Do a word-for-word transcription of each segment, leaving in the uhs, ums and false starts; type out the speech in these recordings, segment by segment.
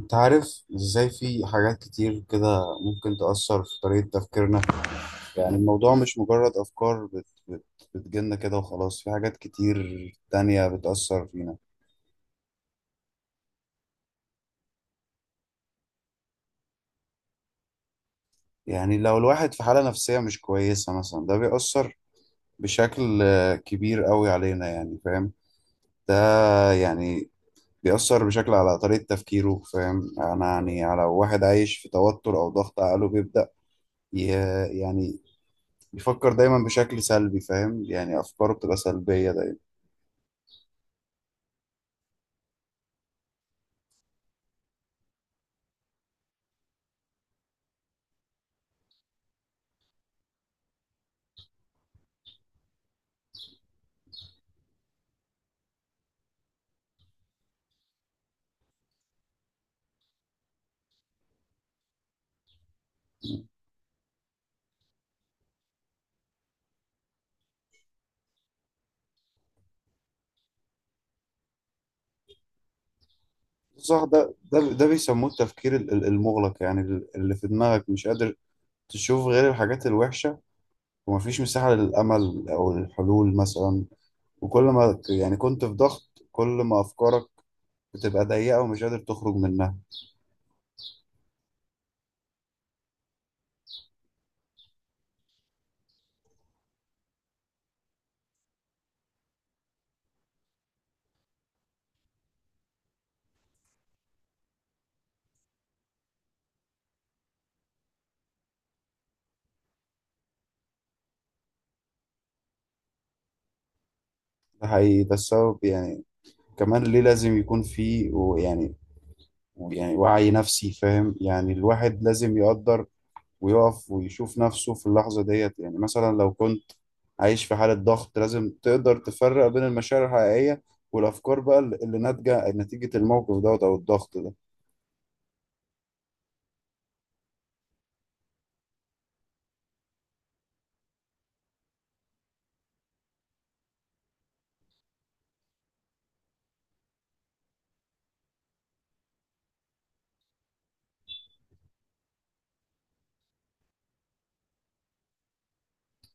انت عارف ازاي في حاجات كتير كده ممكن تأثر في طريقة تفكيرنا. يعني الموضوع مش مجرد أفكار بت بت بتجيلنا كده وخلاص. في حاجات كتير تانية بتأثر فينا. يعني لو الواحد في حالة نفسية مش كويسة مثلا ده بيأثر بشكل آه، كبير قوي علينا، يعني فاهم ده. يعني بيأثر بشكل على طريقة تفكيره، فاهم أنا يعني على واحد عايش في توتر أو ضغط، عقله بيبدأ ي- يعني بيفكر دايما بشكل سلبي، فاهم يعني أفكاره بتبقى سلبية دايما. صح، ده ده ده بيسموه التفكير ال- ال- المغلق، يعني ال- اللي في دماغك مش قادر تشوف غير الحاجات الوحشة، ومفيش مساحة للأمل أو الحلول مثلا. وكل ما ك- يعني كنت في ضغط، كل ما أفكارك بتبقى ضيقة ومش قادر تخرج منها. ده حقيقي، ده السبب يعني كمان ليه لازم يكون في ويعني يعني يعني وعي نفسي، فاهم يعني الواحد لازم يقدر ويقف ويشوف نفسه في اللحظة ديت. يعني مثلا لو كنت عايش في حالة ضغط لازم تقدر تفرق بين المشاعر الحقيقية والأفكار بقى اللي اللي ناتجة نتيجة الموقف دوت أو الضغط ده.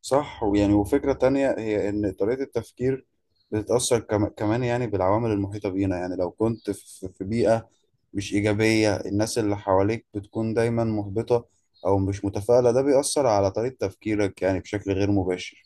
صح، ويعني وفكرة تانية هي إن طريقة التفكير بتتأثر كم- كمان يعني بالعوامل المحيطة بينا. يعني لو كنت في في بيئة مش إيجابية، الناس اللي حواليك بتكون دايما محبطة أو مش متفائلة، ده بيأثر على طريقة تفكيرك يعني بشكل غير مباشر.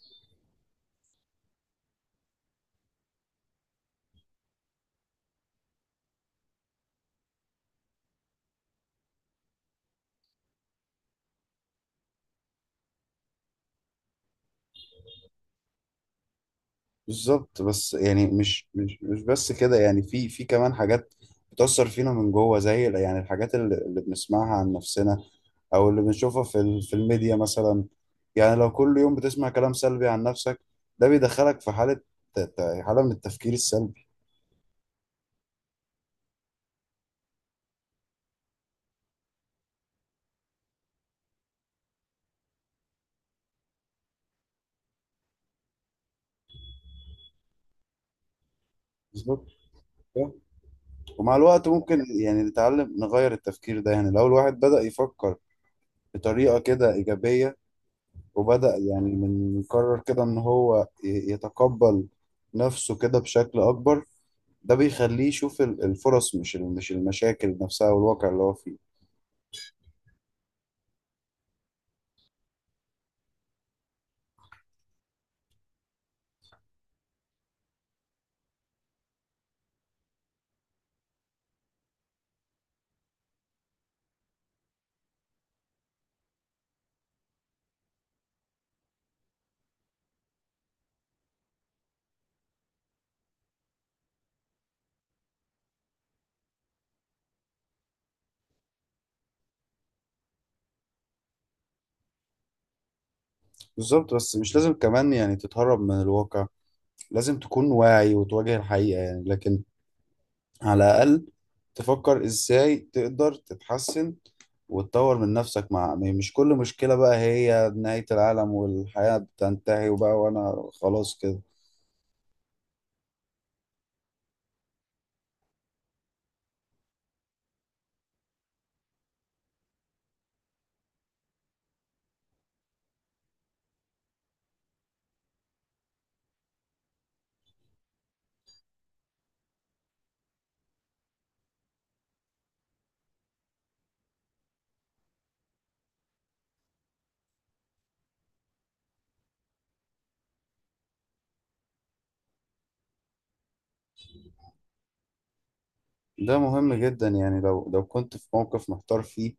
بالظبط، بس يعني مش مش مش بس كده، يعني في في كمان حاجات بتأثر فينا من جوه، زي ال- يعني الحاجات اللي, اللي بنسمعها عن نفسنا أو اللي بنشوفها في ال- في الميديا مثلا. يعني لو كل يوم بتسمع كلام سلبي عن نفسك، ده بيدخلك في حالة ت- ت- حالة من التفكير السلبي. بالظبط، ومع الوقت ممكن يعني نتعلم نغير التفكير ده. يعني لو الواحد بدأ يفكر بطريقة كده إيجابية، وبدأ يعني من قرر كده إن هو ي- يتقبل نفسه كده بشكل أكبر، ده بيخليه يشوف ال- الفرص، مش ال- مش المشاكل نفسها والواقع اللي هو فيه. بالظبط، بس مش لازم كمان يعني تتهرب من الواقع، لازم تكون واعي وتواجه الحقيقة يعني. لكن على الأقل تفكر إزاي تقدر تتحسن وتطور من نفسك، مع م- مش كل مشكلة بقى هي نهاية العالم والحياة بتنتهي وبقى وأنا خلاص كده. ده مهم جدا. يعني لو لو كنت في موقف محتار فيه،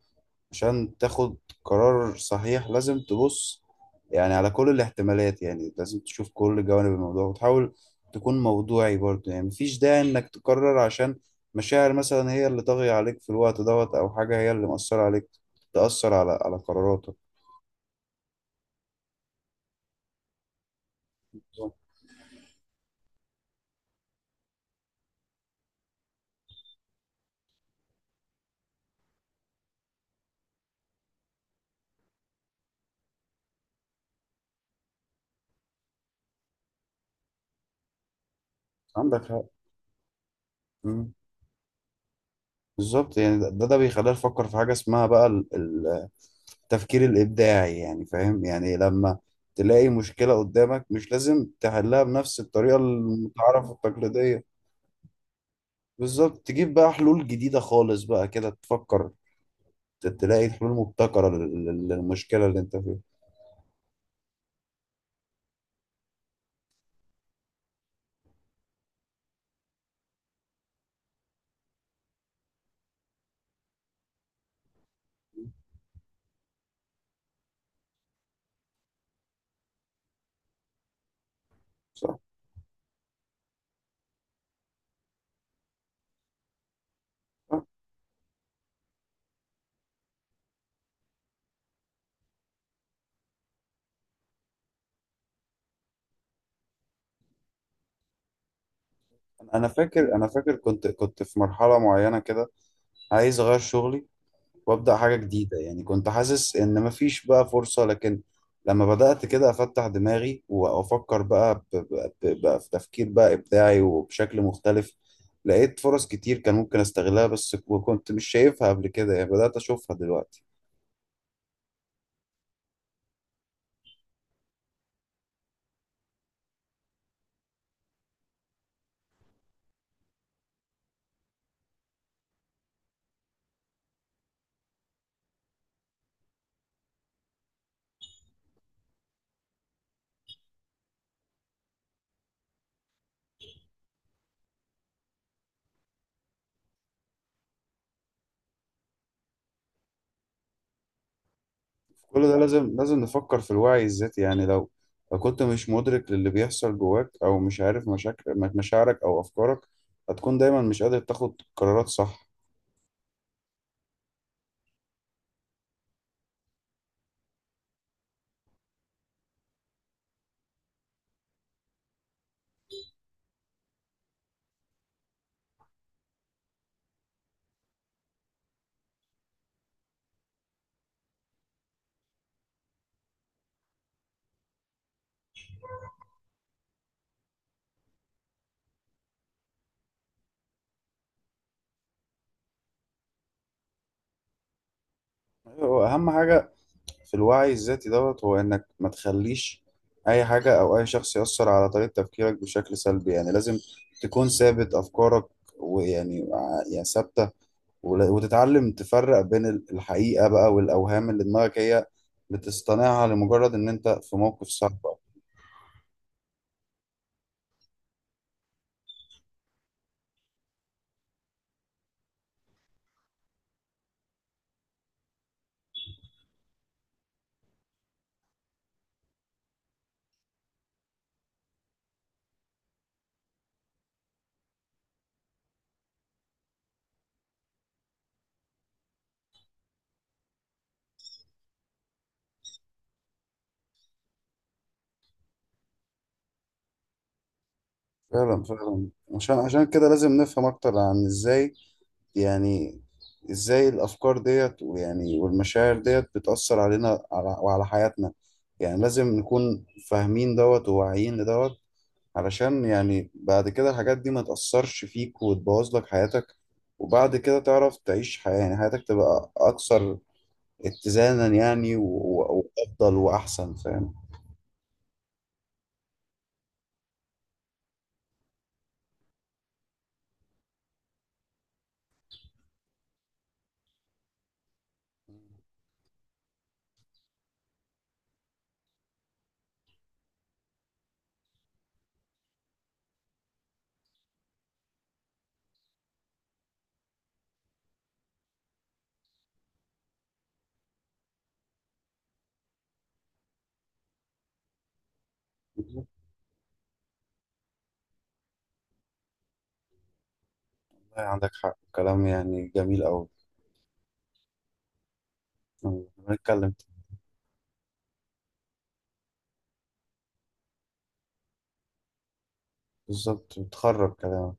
عشان تاخد قرار صحيح لازم تبص يعني على كل الاحتمالات. يعني لازم تشوف كل جوانب الموضوع وتحاول تكون موضوعي برضه. يعني مفيش داعي انك تقرر عشان مشاعر مثلا هي اللي طاغية عليك في الوقت دوت، او حاجة هي اللي مأثرة عليك تأثر على على قراراتك. عندك حق. مم. بالظبط، يعني ده ده بيخلينا نفكر في حاجة اسمها بقى ال- ال- التفكير الإبداعي، يعني فاهم يعني لما تلاقي مشكلة قدامك مش لازم تحلها بنفس الطريقة المتعارف التقليدية. بالظبط، تجيب بقى حلول جديدة خالص بقى كده، تفكر ت- تلاقي الحلول مبتكرة لل- لل- للمشكلة اللي انت فيها. صح. صح. انا فاكر، انا فاكر كنت كنت في مرحلة معينة كده عايز اغير شغلي وابدأ حاجة جديدة. يعني كنت حاسس ان مفيش بقى فرصة، لكن لما بدأت كده افتح دماغي وافكر بقى ب- ب- ب- بقى في تفكير بقى ابداعي وبشكل مختلف، لقيت فرص كتير كان ممكن استغلها بس وكنت مش شايفها قبل كده. يعني بدأت اشوفها دلوقتي. كل ده لازم لازم نفكر في الوعي الذاتي. يعني لو لو كنت مش مدرك للي بيحصل جواك أو مش عارف مشاكل مشاعرك أو أفكارك، هتكون دايما مش قادر تاخد قرارات صح. هو أهم حاجة في الوعي الذاتي دوت هو إنك ما تخليش أي حاجة أو أي شخص يأثر على طريقة تفكيرك بشكل سلبي. يعني لازم تكون ثابت أفكارك ويعني ع- يعني ثابتة، ول- وتتعلم تفرق بين ال- الحقيقة بقى والأوهام اللي دماغك هي بتصطنعها لمجرد إن أنت في موقف صعب. فعلا، فعلا. عشان عشان كده لازم نفهم اكتر عن ازاي، يعني ازاي الافكار ديت ويعني والمشاعر ديت بتأثر علينا على وعلى حياتنا. يعني لازم نكون فاهمين دوت وواعيين لدوت، علشان يعني بعد كده الحاجات دي ما تأثرش فيك وتبوظ لك حياتك، وبعد كده تعرف تعيش حياة، يعني حياتك تبقى اكثر اتزانا يعني و- و- وافضل واحسن، فاهم. والله عندك حق، كلام يعني جميل قوي. نتكلم. بالظبط، بتخرج كده.